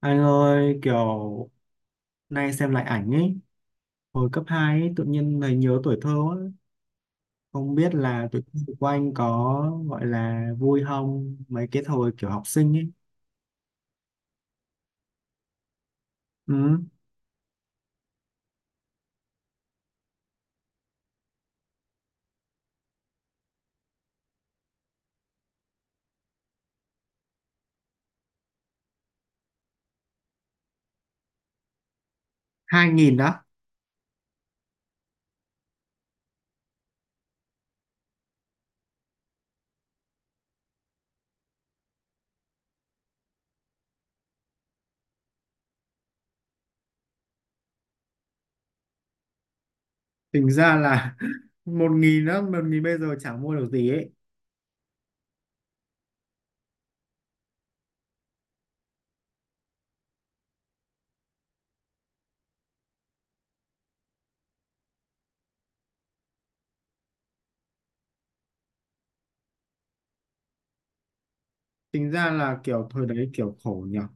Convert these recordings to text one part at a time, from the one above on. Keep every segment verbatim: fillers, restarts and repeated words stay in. Anh ơi, kiểu nay xem lại ảnh ấy, hồi cấp hai ấy, tự nhiên thấy nhớ tuổi thơ quá. Không biết là tuổi thơ của anh có gọi là vui không, mấy cái thời kiểu học sinh ấy. Ừ, hai nghìn đó, tính ra là một nghìn đó, một nghìn bây giờ chẳng mua được gì ấy. Tính ra là kiểu thời đấy kiểu khổ nhở,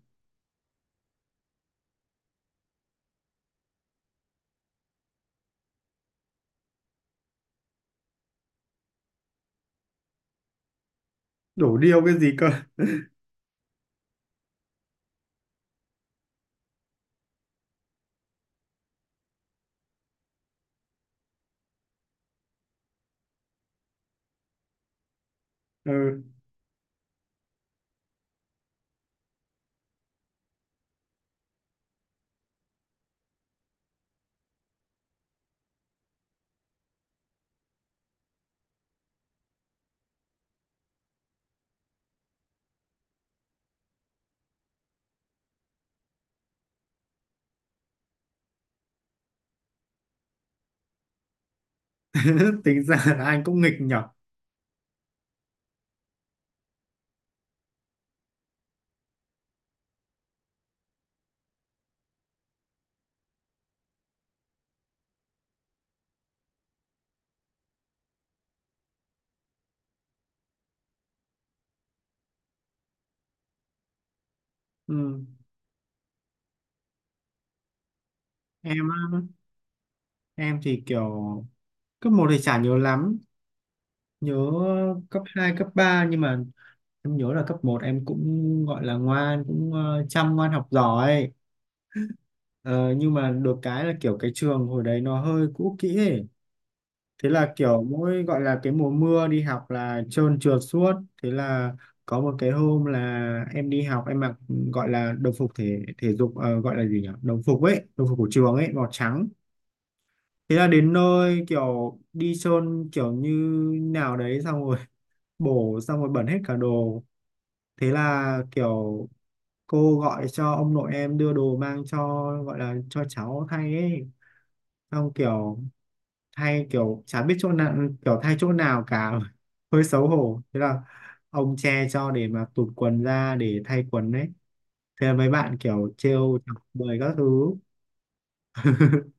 đổ điêu cái gì cơ. Ừ, tính ra là anh cũng nghịch nhở. Ừ, em á, em thì kiểu cấp một thì chả nhớ lắm nhớ ờ, cấp hai cấp ba nhưng mà em nhớ là cấp một em cũng gọi là ngoan cũng ờ, chăm ngoan học giỏi. Ờ, nhưng mà được cái là kiểu cái trường hồi đấy nó hơi cũ kỹ ấy. Thế là kiểu mỗi gọi là cái mùa mưa đi học là trơn trượt suốt. Thế là có một cái hôm là em đi học em mặc gọi là đồng phục thể thể dục ờ, gọi là gì nhỉ? Đồng phục ấy, đồng phục của trường ấy màu trắng. Thế là đến nơi kiểu đi trơn kiểu như nào đấy xong rồi bổ xong rồi bẩn hết cả đồ, thế là kiểu cô gọi cho ông nội em đưa đồ mang cho gọi là cho cháu thay ấy, xong kiểu thay kiểu chả biết chỗ nào, kiểu thay chỗ nào cả. Hơi xấu hổ, thế là ông che cho để mà tụt quần ra để thay quần đấy, thế là mấy bạn kiểu trêu chọc bời các thứ.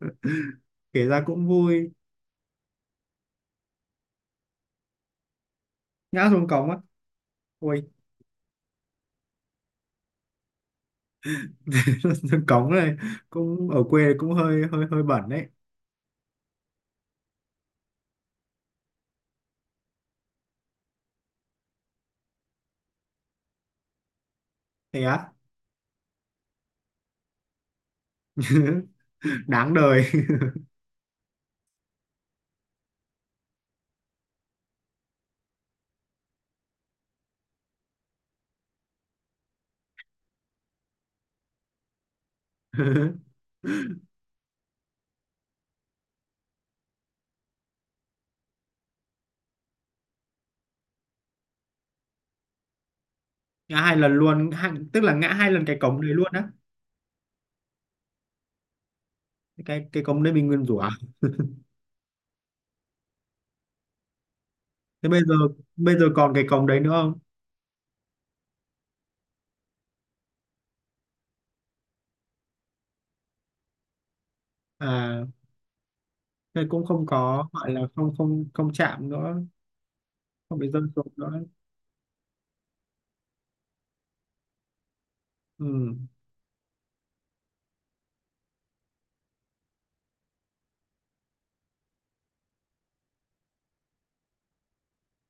Kể ra cũng vui. Ngã xuống cống á? Ôi. Xuống cống này, cũng ở quê cũng hơi hơi hơi bẩn đấy. Thế á? Đáng đời. Ngã hai lần luôn, hai, tức là ngã hai lần cái cổng đấy luôn á? Cái cái cổng đấy mình nguyên rủa à? Thế bây giờ bây giờ còn cái cổng đấy nữa không? À, thế cũng không có gọi là không không không chạm nữa, không bị dâm xuống nữa. Ừ,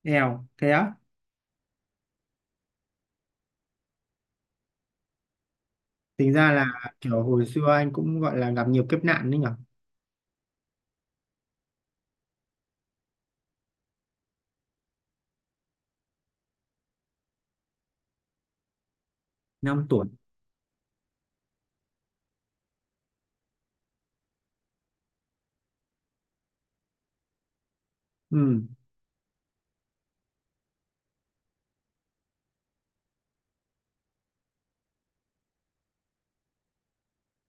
nghèo thế á? Tính ra là kiểu hồi xưa anh cũng gọi là gặp nhiều kiếp nạn đấy nhở. Năm tuổi. Ừ,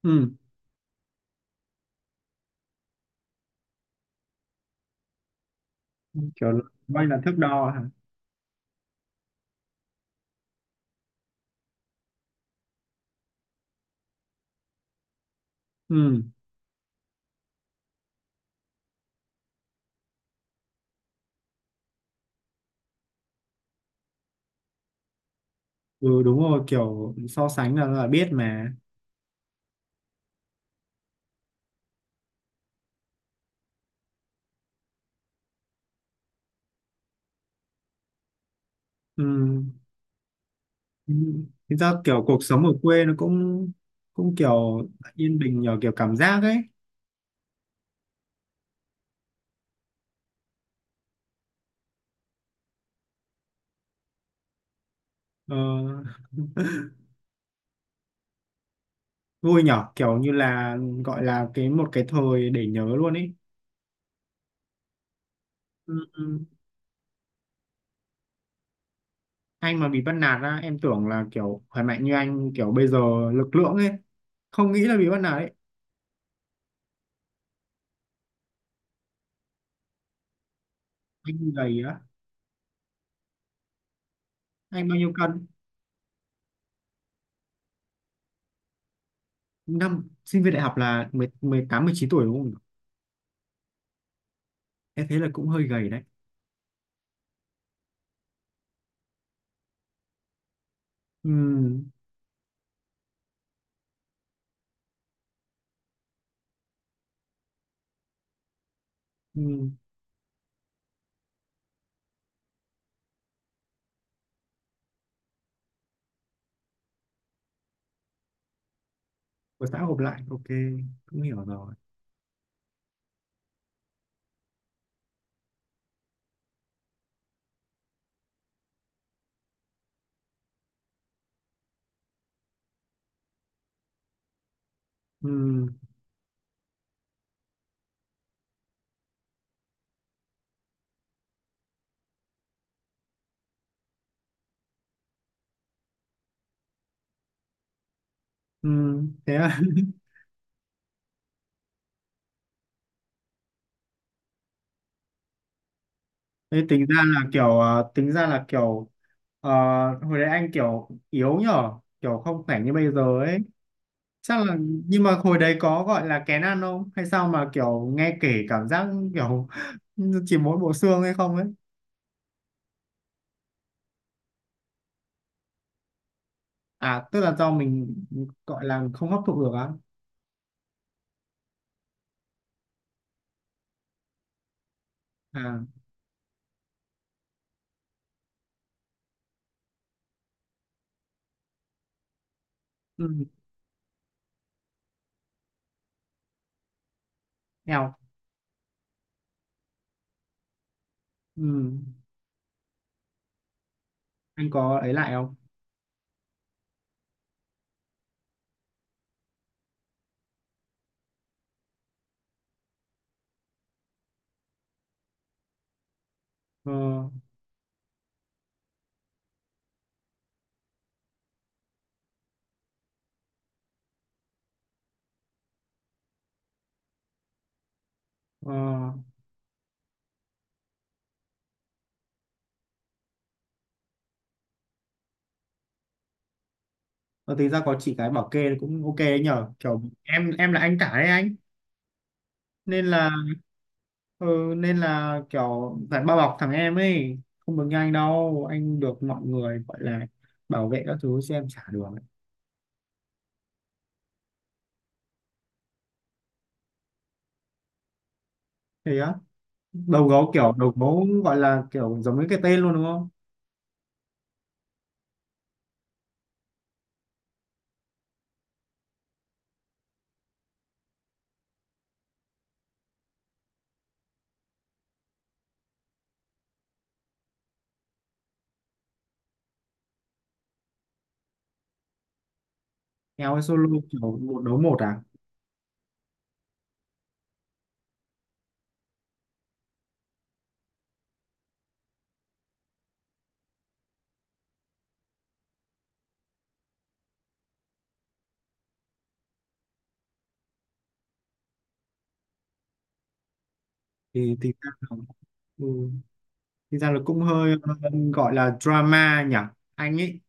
ừ, kiểu quay là thước đo hả? Ừ, ừ, đúng rồi, kiểu so sánh là, là biết mà. Ừ. Ừ. Thực ra kiểu cuộc sống ở quê nó cũng cũng kiểu yên bình nhờ kiểu cảm giác ấy. ờ, Vui nhỏ kiểu như là gọi là cái một cái thời để nhớ luôn ấy. Ừ, ừ. Anh mà bị bắt nạt á? Em tưởng là kiểu khỏe mạnh như anh kiểu bây giờ, lực lượng ấy, không nghĩ là bị bắt nạt ấy. Anh gầy á? Anh bao nhiêu cân? Năm sinh viên đại học là mười mười tám mười chín tuổi đúng không? Em thấy là cũng hơi gầy đấy. Ừ, ừ. Của xã gộp lại, ok, cũng hiểu rồi. Ừ. Ừ, thế à? Thế tính ra là kiểu ờ, tính ra là kiểu ờ, hồi đấy anh kiểu yếu nhở, kiểu không khỏe như bây giờ ấy. Chắc là nhưng mà hồi đấy có gọi là kén ăn không hay sao mà kiểu nghe kể cảm giác kiểu chỉ mỗi bộ xương hay không ấy. À, tức là do mình gọi là không hấp thụ được á? À. Ừ. Eo. Ừ. Anh có ấy lại không? Ờ. Ờ. Ờ, tính ra có chị gái bảo kê cũng ok đấy nhở, kiểu em em là anh cả đấy anh, nên là, ừ, nên là kiểu phải bao bọc thằng em ấy, không được như anh đâu, anh được mọi người gọi là bảo vệ các thứ chứ em chả được ấy. Thế á? Đầu gấu kiểu đầu gấu gọi là kiểu giống như cái tên luôn đúng không? Eo, hay solo kiểu một đấu một à? thì thì ra là, ừ, thì ra là cũng hơi ờ, gọi là drama nhỉ, anh ấy.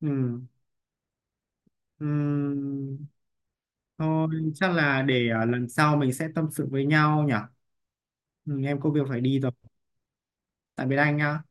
Ừ. Ừ. Thôi, chắc là để ờ, lần sau mình sẽ tâm sự với nhau nhỉ. Ừ, em có việc phải đi rồi, tạm biệt anh nhá.